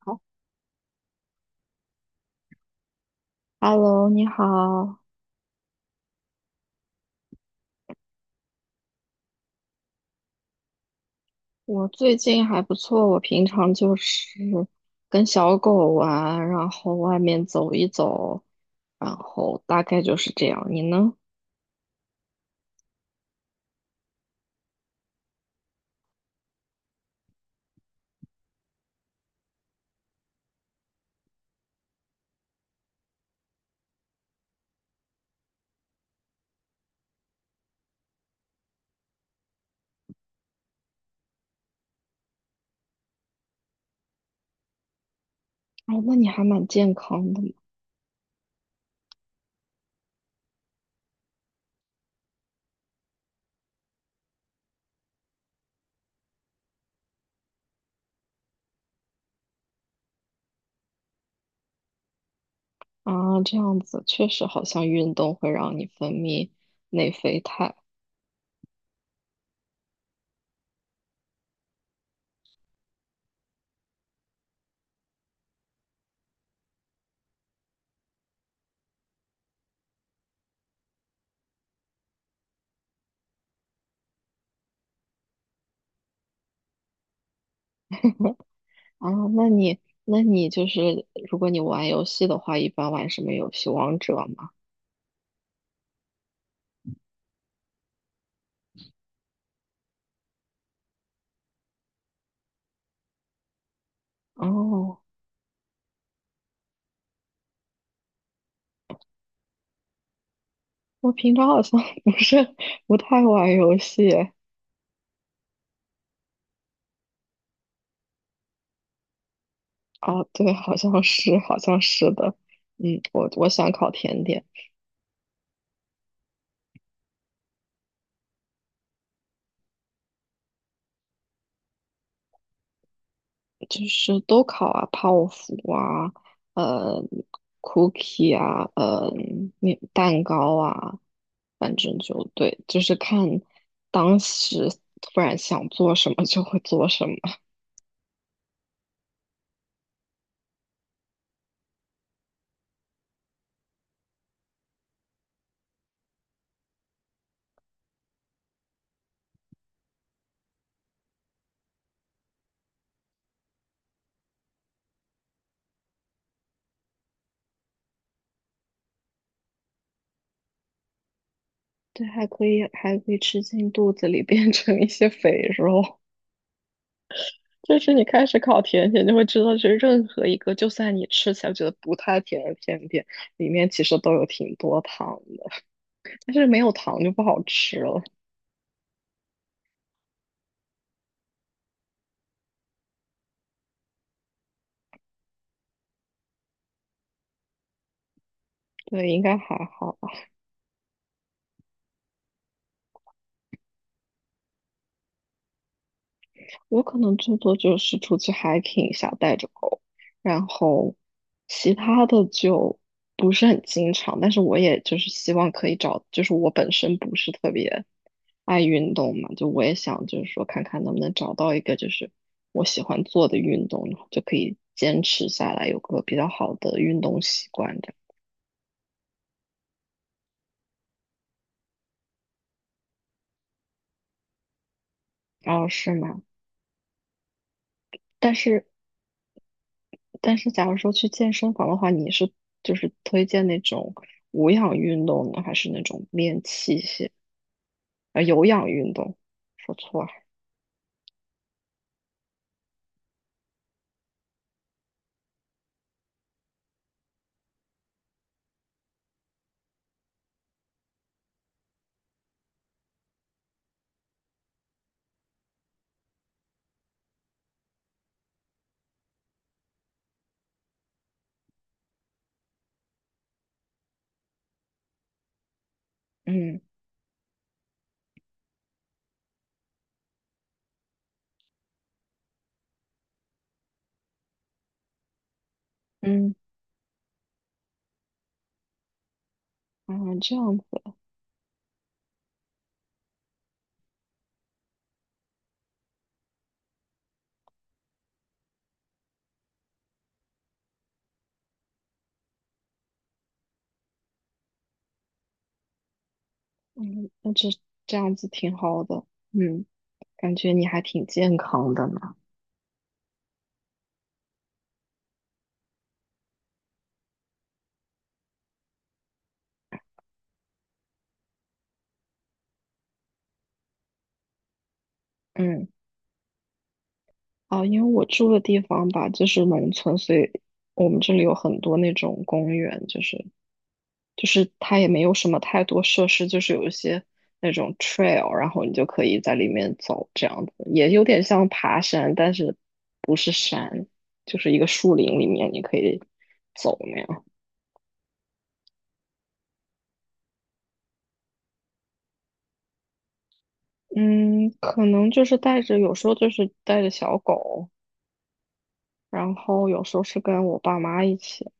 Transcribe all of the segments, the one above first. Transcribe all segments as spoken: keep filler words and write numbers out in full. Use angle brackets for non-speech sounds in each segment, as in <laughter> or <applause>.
好。 Hello，你好，我最近还不错。我平常就是跟小狗玩，然后外面走一走，然后大概就是这样。你呢？哦，那你还蛮健康的嘛。啊，这样子确实好像运动会让你分泌内啡肽。啊。那你，那你就是如果你玩游戏的话，一般玩什么游戏？王者吗？哦，我平常好像 <laughs> 不是不太玩游戏。哦，对，好像是，好像是的。嗯，我我想烤甜点，就是都烤啊，泡芙啊，呃，cookie 啊，呃，面蛋糕啊，反正就对，就是看当时突然想做什么就会做什么。对，还可以，还可以吃进肚子里，变成一些肥肉。就是你开始烤甜点，就会知道，就是任何一个，就算你吃起来觉得不太甜的甜点，里面其实都有挺多糖的，但是没有糖就不好吃了。对，应该还好。我可能最多就是出去 hiking 一下，带着狗，然后其他的就不是很经常。但是我也就是希望可以找，就是我本身不是特别爱运动嘛，就我也想就是说看看能不能找到一个就是我喜欢做的运动，然后就可以坚持下来，有个比较好的运动习惯的。样。哦，是吗？但是。但是假如说去健身房的话，你是就是推荐那种无氧运动呢，还是那种练器械？啊？有氧运动，说错了。嗯。嗯。啊，这样子。嗯，那这这样子挺好的。嗯，感觉你还挺健康的呢。嗯。啊，因为我住的地方吧，就是农村，所以我们这里有很多那种公园，就是就是它也没有什么太多设施，就是有一些那种 trail，然后你就可以在里面走，这样子也有点像爬山，但是不是山，就是一个树林里面你可以走那样。嗯，可能就是带着，有时候就是带着小狗，然后有时候是跟我爸妈一起。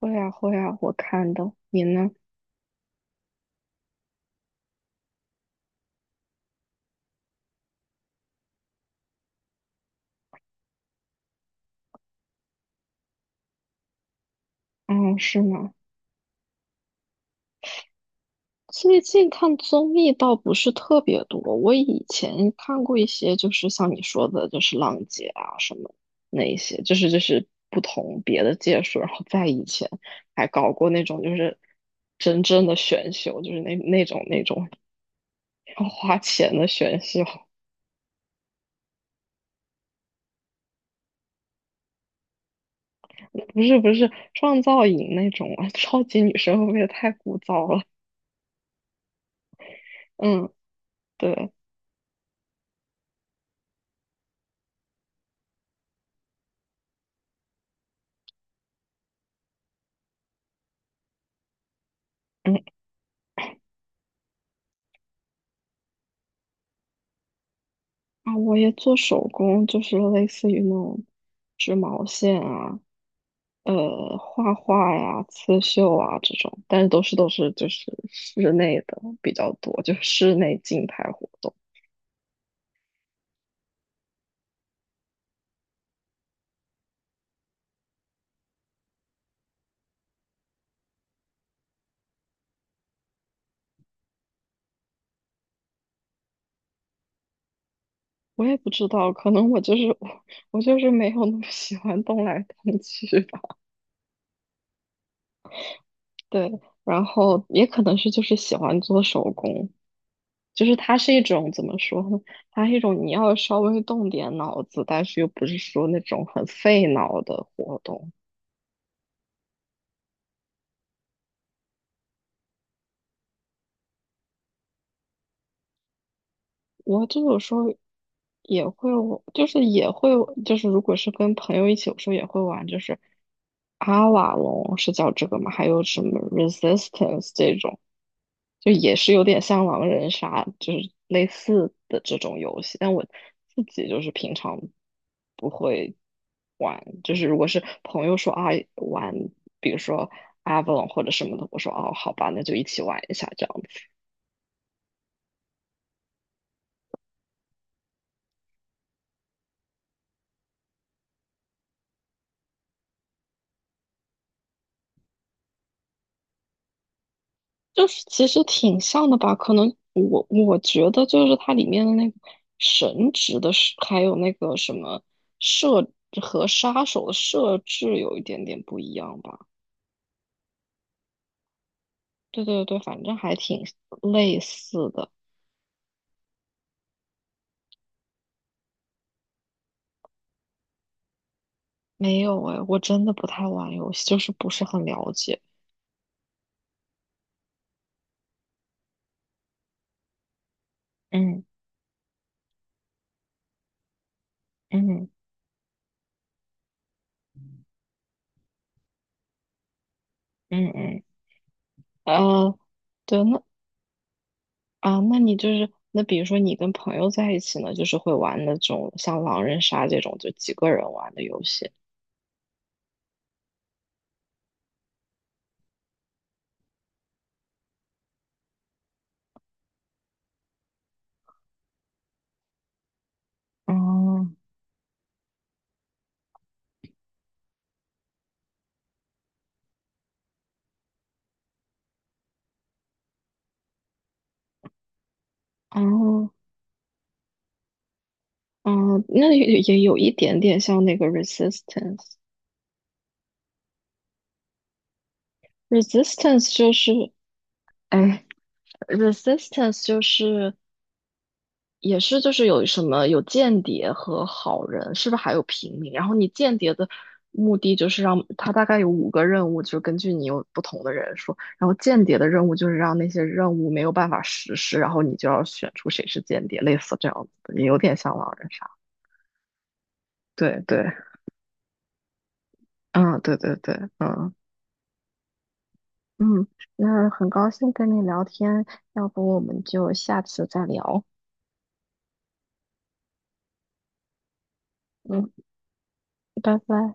会啊会啊，我看的。你呢？嗯，是吗？最近看综艺倒不是特别多，我以前看过一些，就是像你说的，就是浪姐啊什么那一些，就是就是不同别的届数，然后在以前还搞过那种就是真正的选秀，就是那那种那种要花钱的选秀，不是不是创造营那种啊，<laughs> 超级女生会不会太枯燥了？嗯，对。嗯。啊，我也做手工，就是类似于那种织毛线啊。呃，画画呀、刺绣啊这种，但是都是都是就是室内的比较多，就室内静态活动。我也不知道，可能我就是我，我就是没有那么喜欢动来动去吧。对，然后也可能是就是喜欢做手工，就是它是一种怎么说呢？它是一种你要稍微动点脑子，但是又不是说那种很费脑的活动。我就有时候也会玩就是也会，就是如果是跟朋友一起，有时候也会玩，就是阿瓦隆是叫这个吗？还有什么 Resistance 这种，就也是有点像狼人杀，就是类似的这种游戏。但我自己就是平常不会玩，就是如果是朋友说啊玩，比如说阿瓦隆或者什么的，我说哦好吧，那就一起玩一下这样。就是其实挺像的吧，可能我我觉得就是它里面的那个神职的设，还有那个什么设和杀手的设置有一点点不一样吧。对对对，反正还挺类似的。没有哎，我真的不太玩游戏，就是不是很了解。嗯。嗯。嗯。嗯，呃，对，那啊，那你就是那比如说你跟朋友在一起呢，就是会玩那种像狼人杀这种就几个人玩的游戏。哦。哦。哦，那也也有一点点像那个 resistance。resistance 就是，哎，resistance 就是也是就是有什么有间谍和好人，是不是还有平民？然后你间谍的目的就是让他大概有五个任务，就是根据你有不同的人数，然后间谍的任务就是让那些任务没有办法实施，然后你就要选出谁是间谍，类似这样子的，也有点像狼人杀。对对，嗯，对对对，嗯。嗯，那很高兴跟你聊天，要不我们就下次再聊。嗯，拜拜。